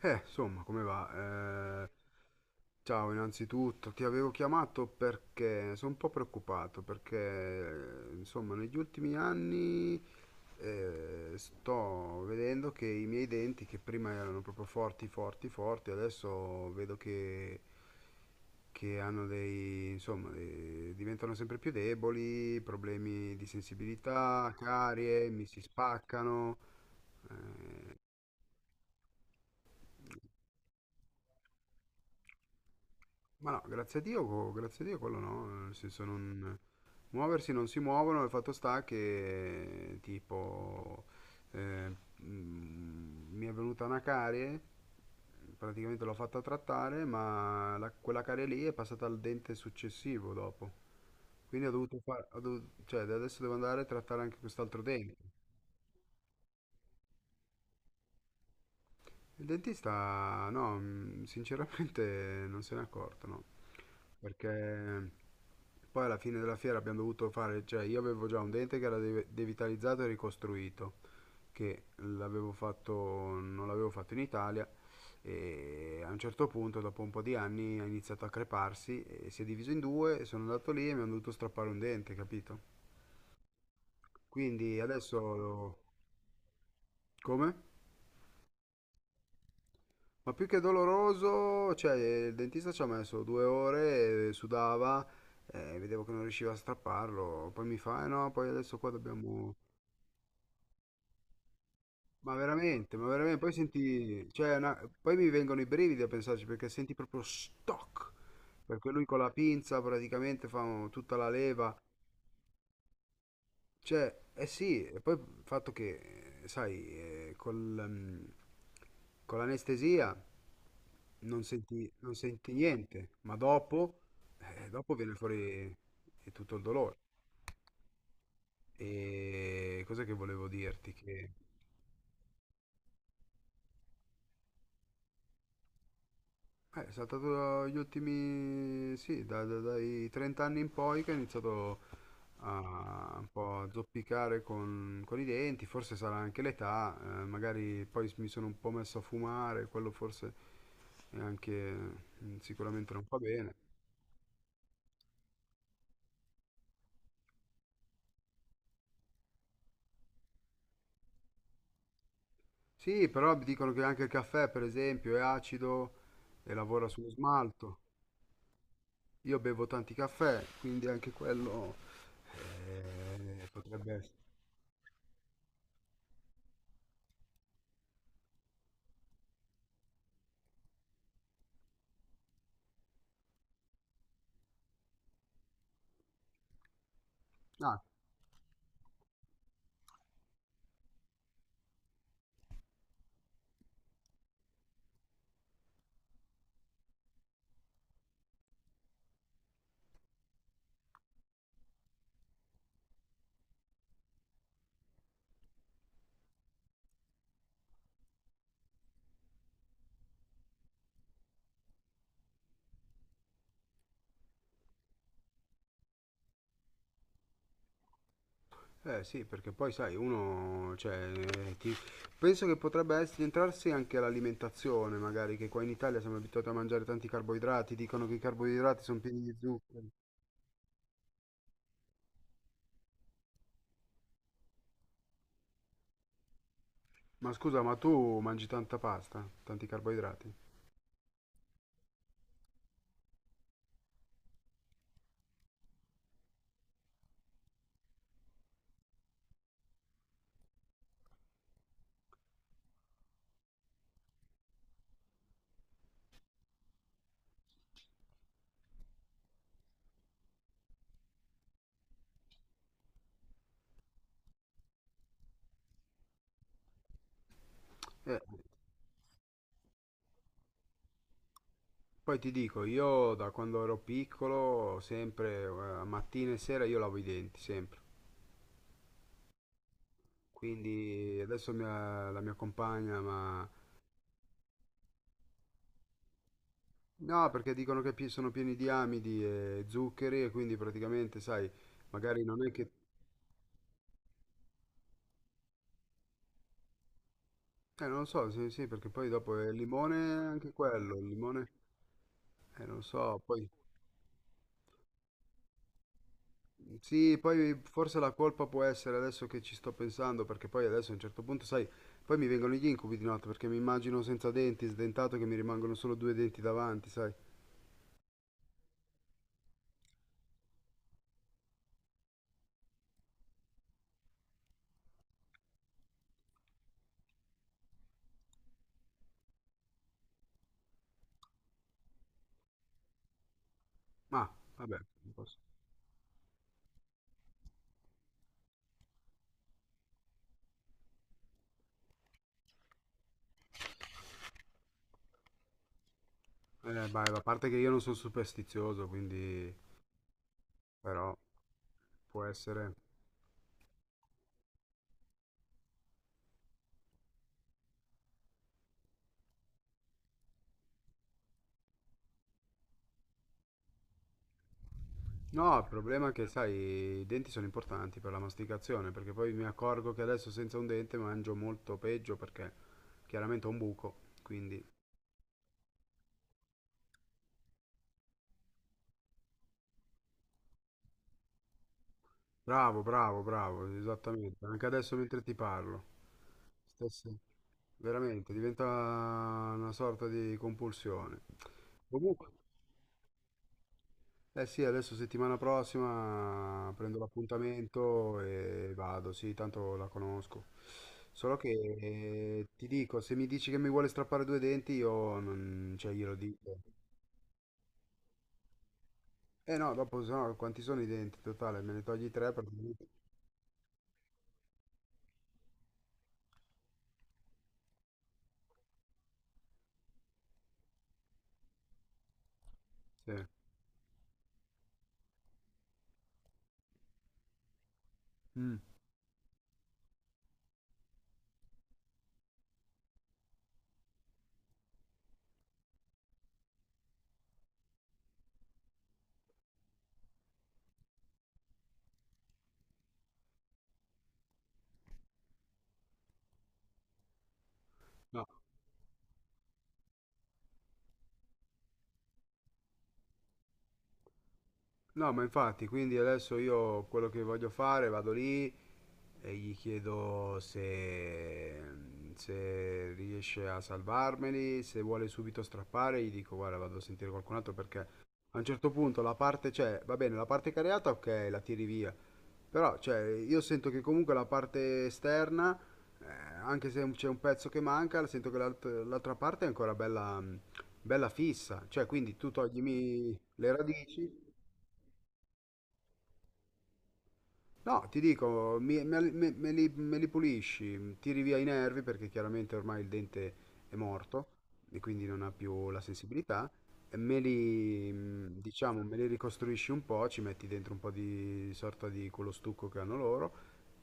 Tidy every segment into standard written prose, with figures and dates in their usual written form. Insomma, come va? Ciao, innanzitutto ti avevo chiamato perché sono un po' preoccupato, perché insomma, negli ultimi anni sto vedendo che i miei denti, che prima erano proprio forti, forti, forti, adesso vedo che hanno dei, insomma, diventano sempre più deboli, problemi di sensibilità, carie, mi si spaccano. Ma no, grazie a Dio, grazie a Dio quello no, nel senso non... Muoversi non si muovono, il fatto sta che tipo eh, mi è venuta una carie, praticamente l'ho fatta trattare, ma quella carie lì è passata al dente successivo dopo. Quindi ho dovuto fare, cioè adesso devo andare a trattare anche quest'altro dente. Il dentista, no, sinceramente non se n'è accorto, no. Perché poi alla fine della fiera abbiamo dovuto fare, cioè io avevo già un dente che era devitalizzato e ricostruito, che l'avevo fatto, non l'avevo fatto in Italia e a un certo punto, dopo un po' di anni, ha iniziato a creparsi e si è diviso in due, e sono andato lì e mi hanno dovuto strappare un dente, capito? Quindi adesso... Come? Ma più che doloroso, cioè il dentista ci ha messo due ore, sudava, vedevo che non riusciva a strapparlo, poi mi fa, eh no, poi adesso qua dobbiamo... ma veramente, poi senti, cioè, poi mi vengono i brividi a pensarci perché senti proprio stock, perché lui con la pinza praticamente fa tutta la leva. Cioè, eh sì, e poi il fatto che, sai, mm, con l'anestesia non senti, non senti niente, ma dopo viene fuori tutto il dolore. E cosa che volevo dirti? Che... È stato gli ultimi, sì, dai 30 anni in poi che ha iniziato a un po' a zoppicare con i denti, forse sarà anche l'età, magari poi mi sono un po' messo a fumare, quello forse è anche, sicuramente non fa bene. Sì, però mi dicono che anche il caffè, per esempio, è acido e lavora sullo smalto. Io bevo tanti caffè, quindi anche quello potrebbe essere. Ah. Eh sì, perché poi sai, uno, cioè, penso che potrebbe essere, entrarsi anche l'alimentazione, magari, che qua in Italia siamo abituati a mangiare tanti carboidrati, dicono che i carboidrati sono pieni di zuccheri. Ma scusa, ma tu mangi tanta pasta, tanti carboidrati? Eh, poi ti dico, io da quando ero piccolo, sempre, mattina e sera, io lavo i denti, sempre. Quindi adesso la mia compagna, ma no, perché dicono che sono pieni di amidi e zuccheri e quindi praticamente, sai, magari non è che... Non lo so, sì, sì, perché poi dopo il limone, anche quello, il limone, non so, poi... Sì, poi forse la colpa può essere adesso che ci sto pensando, perché poi adesso a un certo punto, sai, poi mi vengono gli incubi di notte, perché mi immagino senza denti, sdentato, che mi rimangono solo due denti davanti, sai. Ma, vabbè, non posso. Beh, a parte che io non sono superstizioso, quindi... però può essere... No, il problema è che, sai, i denti sono importanti per la masticazione, perché poi mi accorgo che adesso senza un dente mangio molto peggio perché chiaramente ho un buco, quindi... Bravo, bravo, bravo, esattamente. Anche adesso mentre ti parlo. Stessa... Veramente, diventa una sorta di compulsione. Comunque... Eh sì, adesso settimana prossima prendo l'appuntamento e vado, sì, tanto la conosco. Solo che ti dico, se mi dici che mi vuole strappare due denti, io non, cioè, glielo dico. Eh no, dopo sennò quanti sono i denti totale? Me ne togli tre praticamente. Sì. Mm. No. No, ma infatti, quindi adesso io quello che voglio fare, vado lì, e gli chiedo se, se riesce a salvarmeli, se vuole subito strappare, gli dico guarda vado a sentire qualcun altro perché a un certo punto la parte, cioè va bene, la parte cariata ok, la tiri via, però cioè, io sento che comunque la parte esterna, anche se c'è un pezzo che manca, sento che l'altra parte è ancora bella, bella fissa, cioè quindi tu toglimi le radici. No, ti dico, me li pulisci, tiri via i nervi perché chiaramente ormai il dente è morto e quindi non ha più la sensibilità, e diciamo, me li ricostruisci un po', ci metti dentro un po' di sorta di quello stucco che hanno loro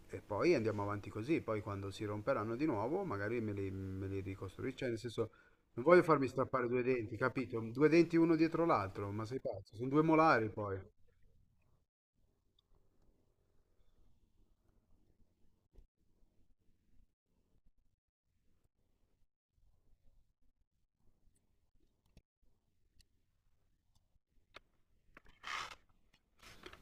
e poi andiamo avanti così, poi quando si romperanno di nuovo magari me li ricostruisci, cioè nel senso non voglio farmi strappare due denti, capito? Due denti uno dietro l'altro, ma sei pazzo, sono due molari poi.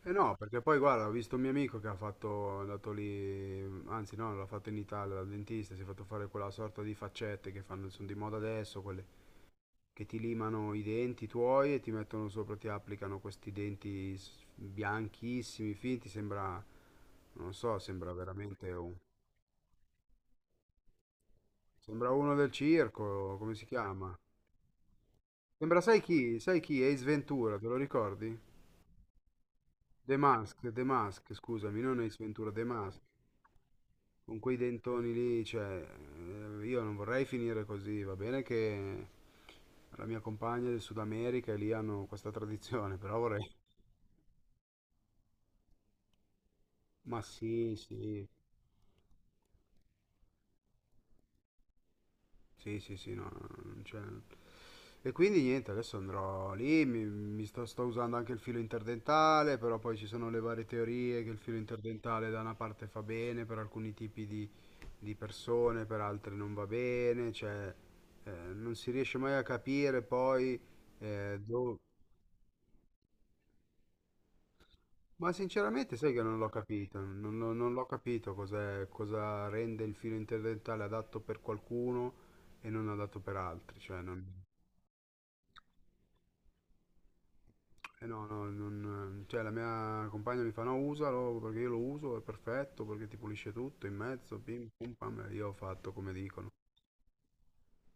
Eh no, perché poi guarda, ho visto un mio amico che ha fatto, è andato lì, anzi no, l'ha fatto in Italia dal dentista, si è fatto fare quella sorta di faccette che fanno, sono di moda adesso, quelle che ti limano i denti tuoi e ti mettono sopra, ti applicano questi denti bianchissimi, finti, sembra, non so, sembra veramente un... Sembra uno del circo, come si chiama? Sembra, sai chi? Sai chi? Ace Ventura, te lo ricordi? The Mask, The Mask, scusami, non Ace Ventura, The Mask. Con quei dentoni lì, cioè, io non vorrei finire così, va bene che la mia compagna del Sud America e lì hanno questa tradizione, però vorrei... Ma sì, sì. Sì, sì, sì, no, no, no, non c'è. E quindi niente, adesso andrò lì, mi sto usando anche il filo interdentale, però poi ci sono le varie teorie che il filo interdentale da una parte fa bene per alcuni tipi di persone, per altre non va bene, cioè non si riesce mai a capire poi dove... Ma sinceramente sai che non l'ho capito, non l'ho capito cos'è, cosa rende il filo interdentale adatto per qualcuno e non adatto per altri, cioè non... Eh no, no, non, cioè la mia compagna mi fa no, usalo perché io lo uso, è perfetto, perché ti pulisce tutto in mezzo, pim pum pam, e io ho fatto come dicono.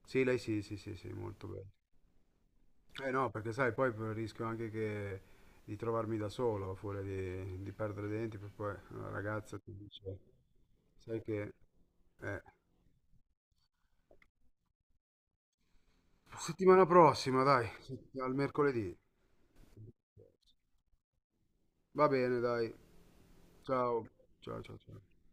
Sì, lei sì, sì, sì, sì, molto bello. Eh no, perché sai, poi rischio anche che di trovarmi da solo, a furia di perdere i denti, perché poi la ragazza ti dice, sai che... Eh, settimana prossima, dai, al mercoledì. Va bene, dai, ciao, ciao, ciao, ciao.